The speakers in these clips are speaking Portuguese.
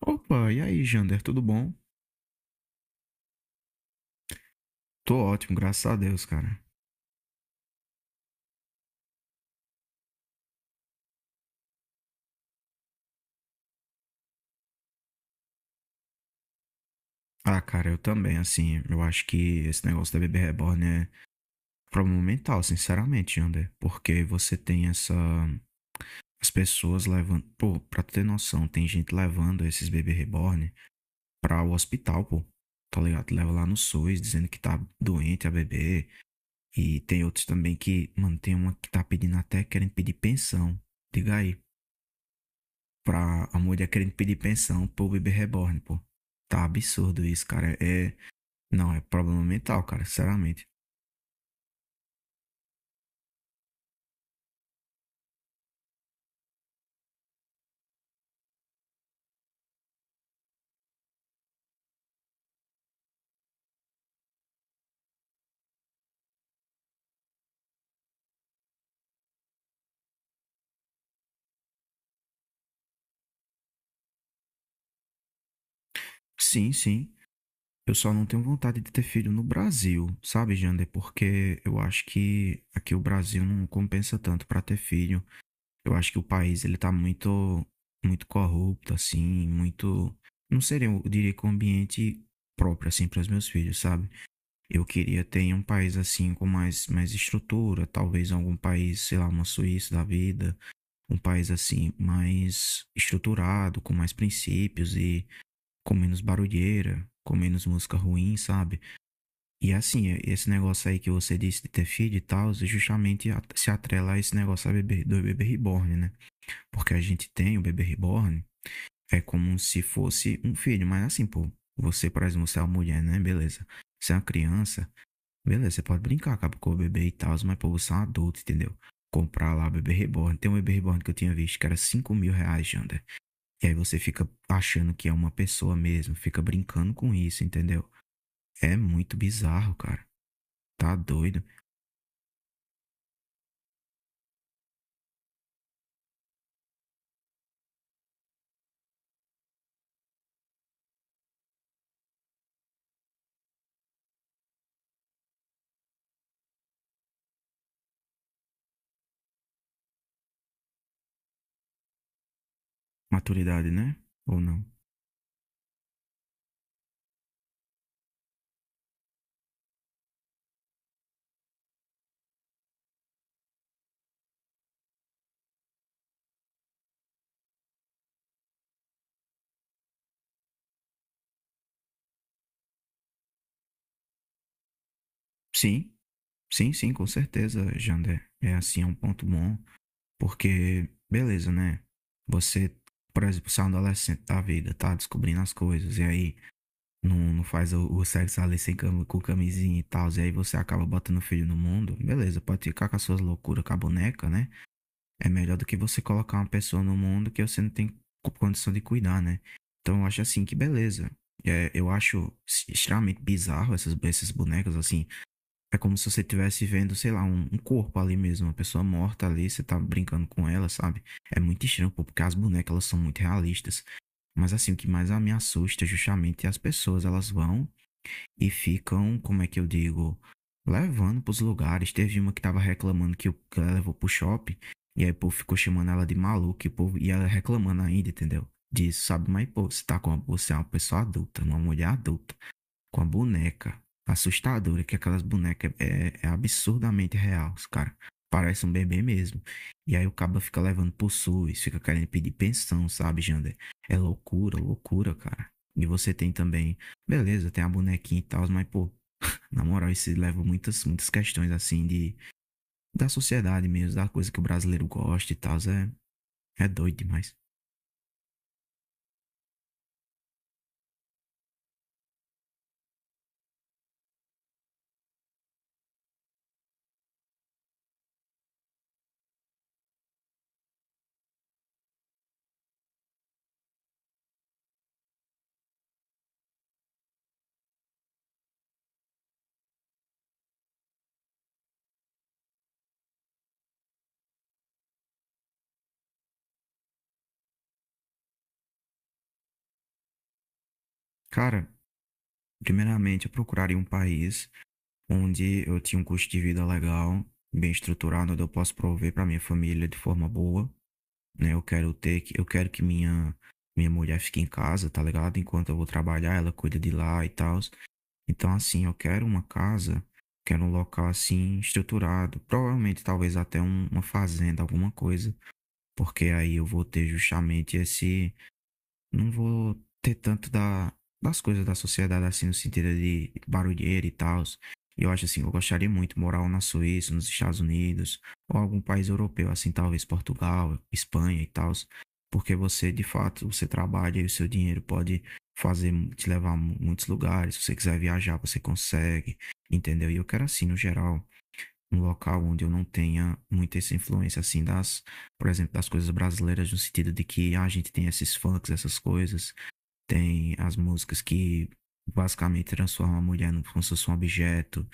Opa, e aí, Jander, tudo bom? Tô ótimo, graças a Deus, cara. Ah, cara, eu também, assim, eu acho que esse negócio da bebê reborn é um problema mental, sinceramente, Jander. Porque você tem essa. As pessoas levando. Pô, pra tu ter noção, tem gente levando esses bebê reborn pra o hospital, pô. Tá ligado? Leva lá no SUS dizendo que tá doente a bebê. E tem outros também que, mano, tem uma que tá pedindo até, querendo pedir pensão. Diga aí. Pra a mulher querendo pedir pensão pro bebê reborn, pô. Tá absurdo isso, cara. Não, é problema mental, cara, sinceramente. Sim, sim. Eu só não tenho vontade de ter filho no Brasil, sabe, Jander? Porque eu acho que aqui o Brasil não compensa tanto pra ter filho. Eu acho que o país ele tá muito corrupto assim, muito não seria, eu diria que um ambiente próprio assim para os meus filhos, sabe? Eu queria ter um país assim com mais estrutura, talvez algum país, sei lá, uma Suíça da vida, um país assim mais estruturado, com mais princípios e com menos barulheira, com menos música ruim, sabe? E assim, esse negócio aí que você disse de ter filho e tal, é justamente se atrela a esse negócio da do bebê reborn, né? Porque a gente tem o bebê reborn, é como se fosse um filho, mas assim, pô, você, por exemplo, você é uma mulher, né? Beleza. Você é uma criança. Beleza, você pode brincar, acaba com o bebê e tal, mas pô, você é um adulto, entendeu? Comprar lá bebê reborn. Tem um bebê reborn que eu tinha visto que era 5 mil reais, Jander. E aí você fica achando que é uma pessoa mesmo, fica brincando com isso, entendeu? É muito bizarro, cara. Tá doido. Maturidade, né? Ou não? Sim, sim, sim, com certeza, Jander. É assim, é um ponto bom, porque, beleza, né? Você, por exemplo, você é um adolescente da vida, tá descobrindo as coisas, e aí não, não faz o sexo ali sem cam- com camisinha e tal, e aí você acaba botando filho no mundo. Beleza, pode ficar com as suas loucuras com a boneca, né? É melhor do que você colocar uma pessoa no mundo que você não tem condição de cuidar, né? Então eu acho assim que beleza. Eu acho extremamente bizarro esses bonecas assim. É como se você estivesse vendo, sei lá, um corpo ali mesmo, uma pessoa morta ali, você tá brincando com ela, sabe? É muito estranho, pô, porque as bonecas elas são muito realistas. Mas assim, o que mais me assusta é justamente as pessoas, elas vão e ficam, como é que eu digo, levando pros lugares. Teve uma que tava reclamando que ela levou pro shopping, e aí o povo ficou chamando ela de maluca, e, o povo, e ela reclamando ainda, entendeu? Disso, sabe? Mas, pô, você tá com uma, você é uma pessoa adulta, uma mulher adulta com a boneca assustadora, que aquelas bonecas é absurdamente real, cara. Parece um bebê mesmo. E aí o cabo fica levando pro SUS, fica querendo pedir pensão, sabe, Jander? É loucura, loucura, cara. E você tem também, beleza, tem a bonequinha e tal, mas, pô, na moral, isso leva muitas questões, assim, de, da sociedade mesmo, da coisa que o brasileiro gosta e tal, é doido demais. Cara, primeiramente, eu procuraria um país onde eu tinha um custo de vida legal, bem estruturado, onde eu posso prover para minha família de forma boa, né? Eu quero que minha mulher fique em casa, tá ligado? Enquanto eu vou trabalhar, ela cuida de lá e tal. Então, assim, eu quero uma casa, quero um local assim estruturado, provavelmente talvez uma fazenda, alguma coisa, porque aí eu vou ter justamente esse não vou ter tanto das coisas da sociedade, assim, no sentido de barulheira e tal. Eu acho assim, eu gostaria muito de morar na Suíça, nos Estados Unidos, ou algum país europeu, assim, talvez Portugal, Espanha e tal, porque você, de fato, você trabalha e o seu dinheiro pode fazer, te levar a muitos lugares, se você quiser viajar, você consegue, entendeu? E eu quero assim, no geral, um local onde eu não tenha muita essa influência assim por exemplo, das coisas brasileiras, no sentido de que ah, a gente tem esses funks, essas coisas, tem as músicas que basicamente transformam a mulher como se fosse um objeto,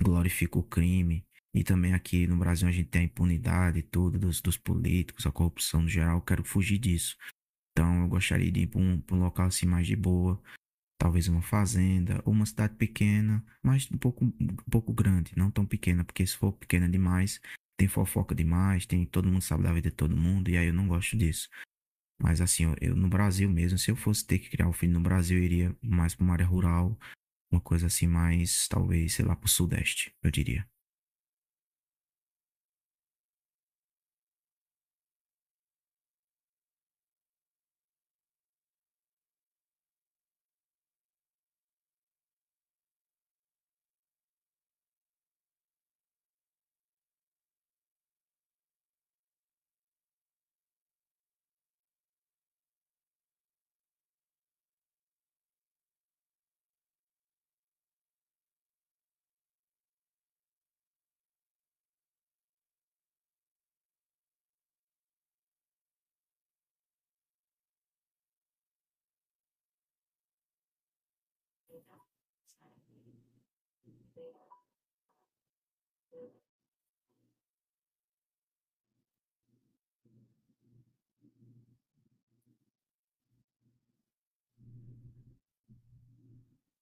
glorifica o crime. E também aqui no Brasil a gente tem a impunidade e tudo dos políticos, a corrupção no geral. Eu quero fugir disso. Então eu gostaria de ir para um local assim mais de boa, talvez uma fazenda, ou uma cidade pequena, mas um pouco grande, não tão pequena, porque se for pequena demais, tem fofoca demais, tem todo mundo sabe da vida de todo mundo, e aí eu não gosto disso. Mas assim, eu no Brasil mesmo, se eu fosse ter que criar um filho no Brasil, eu iria mais para uma área rural, uma coisa assim mais, talvez, sei lá, para o Sudeste, eu diria.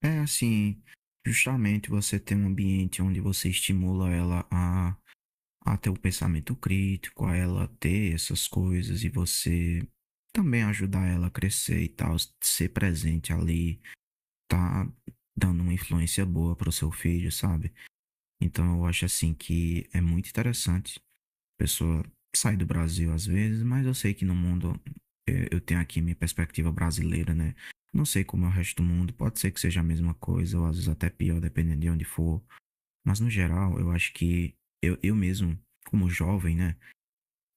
É assim, justamente você ter um ambiente onde você estimula ela a ter o pensamento crítico, a ela ter essas coisas e você também ajudar ela a crescer e tal, ser presente ali, tá dando uma influência boa pro seu filho, sabe? Então eu acho assim que é muito interessante. A pessoa sai do Brasil às vezes, mas eu sei que no mundo eu tenho aqui minha perspectiva brasileira, né? Não sei como é o resto do mundo, pode ser que seja a mesma coisa, ou às vezes até pior, dependendo de onde for. Mas no geral, eu acho que eu mesmo, como jovem, né?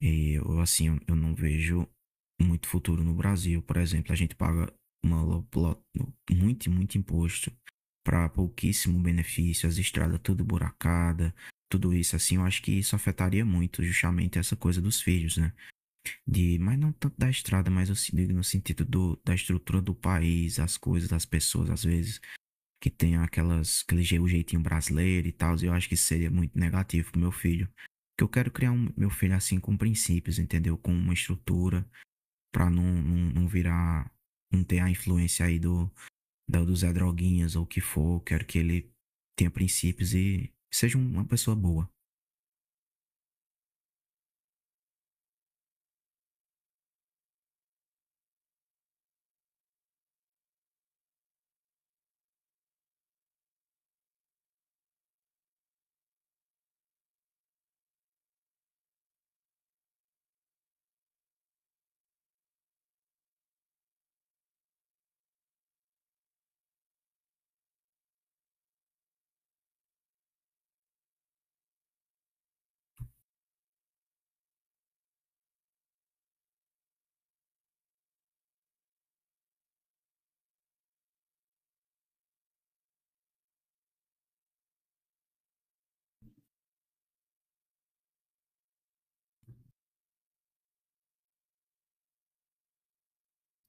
E eu, assim, eu não vejo muito futuro no Brasil. Por exemplo, a gente paga uma, lo- lo- muito imposto para pouquíssimo benefício, as estradas tudo buracada, tudo isso assim, eu acho que isso afetaria muito justamente essa coisa dos filhos, né? De, mas não tanto da estrada, mas eu se- digo no sentido da estrutura do país, as coisas, das pessoas, às vezes que tenha aquelas, o jeitinho brasileiro e tal, eu acho que isso seria muito negativo pro meu filho. Que eu quero criar um, meu filho assim com princípios, entendeu? Com uma estrutura pra não virar, não ter a influência aí do Zé Droguinhas ou o que for. Eu quero que ele tenha princípios e seja uma pessoa boa.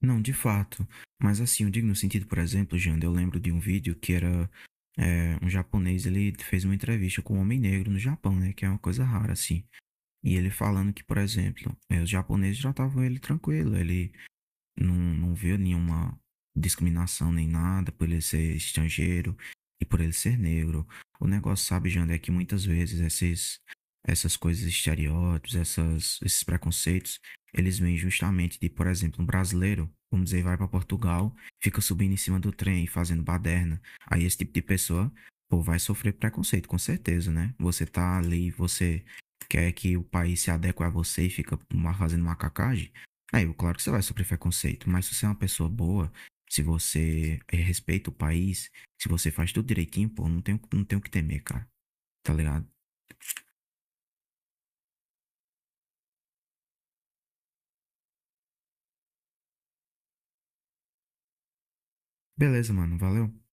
Não, de fato. Mas assim, eu digo no sentido, por exemplo, Janda, eu lembro de um vídeo que era um japonês, ele fez uma entrevista com um homem negro no Japão, né? Que é uma coisa rara, assim. E ele falando que, por exemplo, os japoneses tratavam ele tranquilo. Ele não viu nenhuma discriminação nem nada por ele ser estrangeiro e por ele ser negro. O negócio, sabe, Jander, é que muitas vezes essas coisas, estereótipos, esses preconceitos, eles vêm justamente de, por exemplo, um brasileiro, vamos dizer, vai para Portugal, fica subindo em cima do trem, fazendo baderna. Aí esse tipo de pessoa, pô, vai sofrer preconceito, com certeza, né? Você tá ali, você quer que o país se adeque a você e fica fazendo macacagem. Claro que você vai sofrer preconceito, mas se você é uma pessoa boa, se você respeita o país, se você faz tudo direitinho, pô, não tem o que temer, cara. Tá ligado? Beleza, mano, valeu.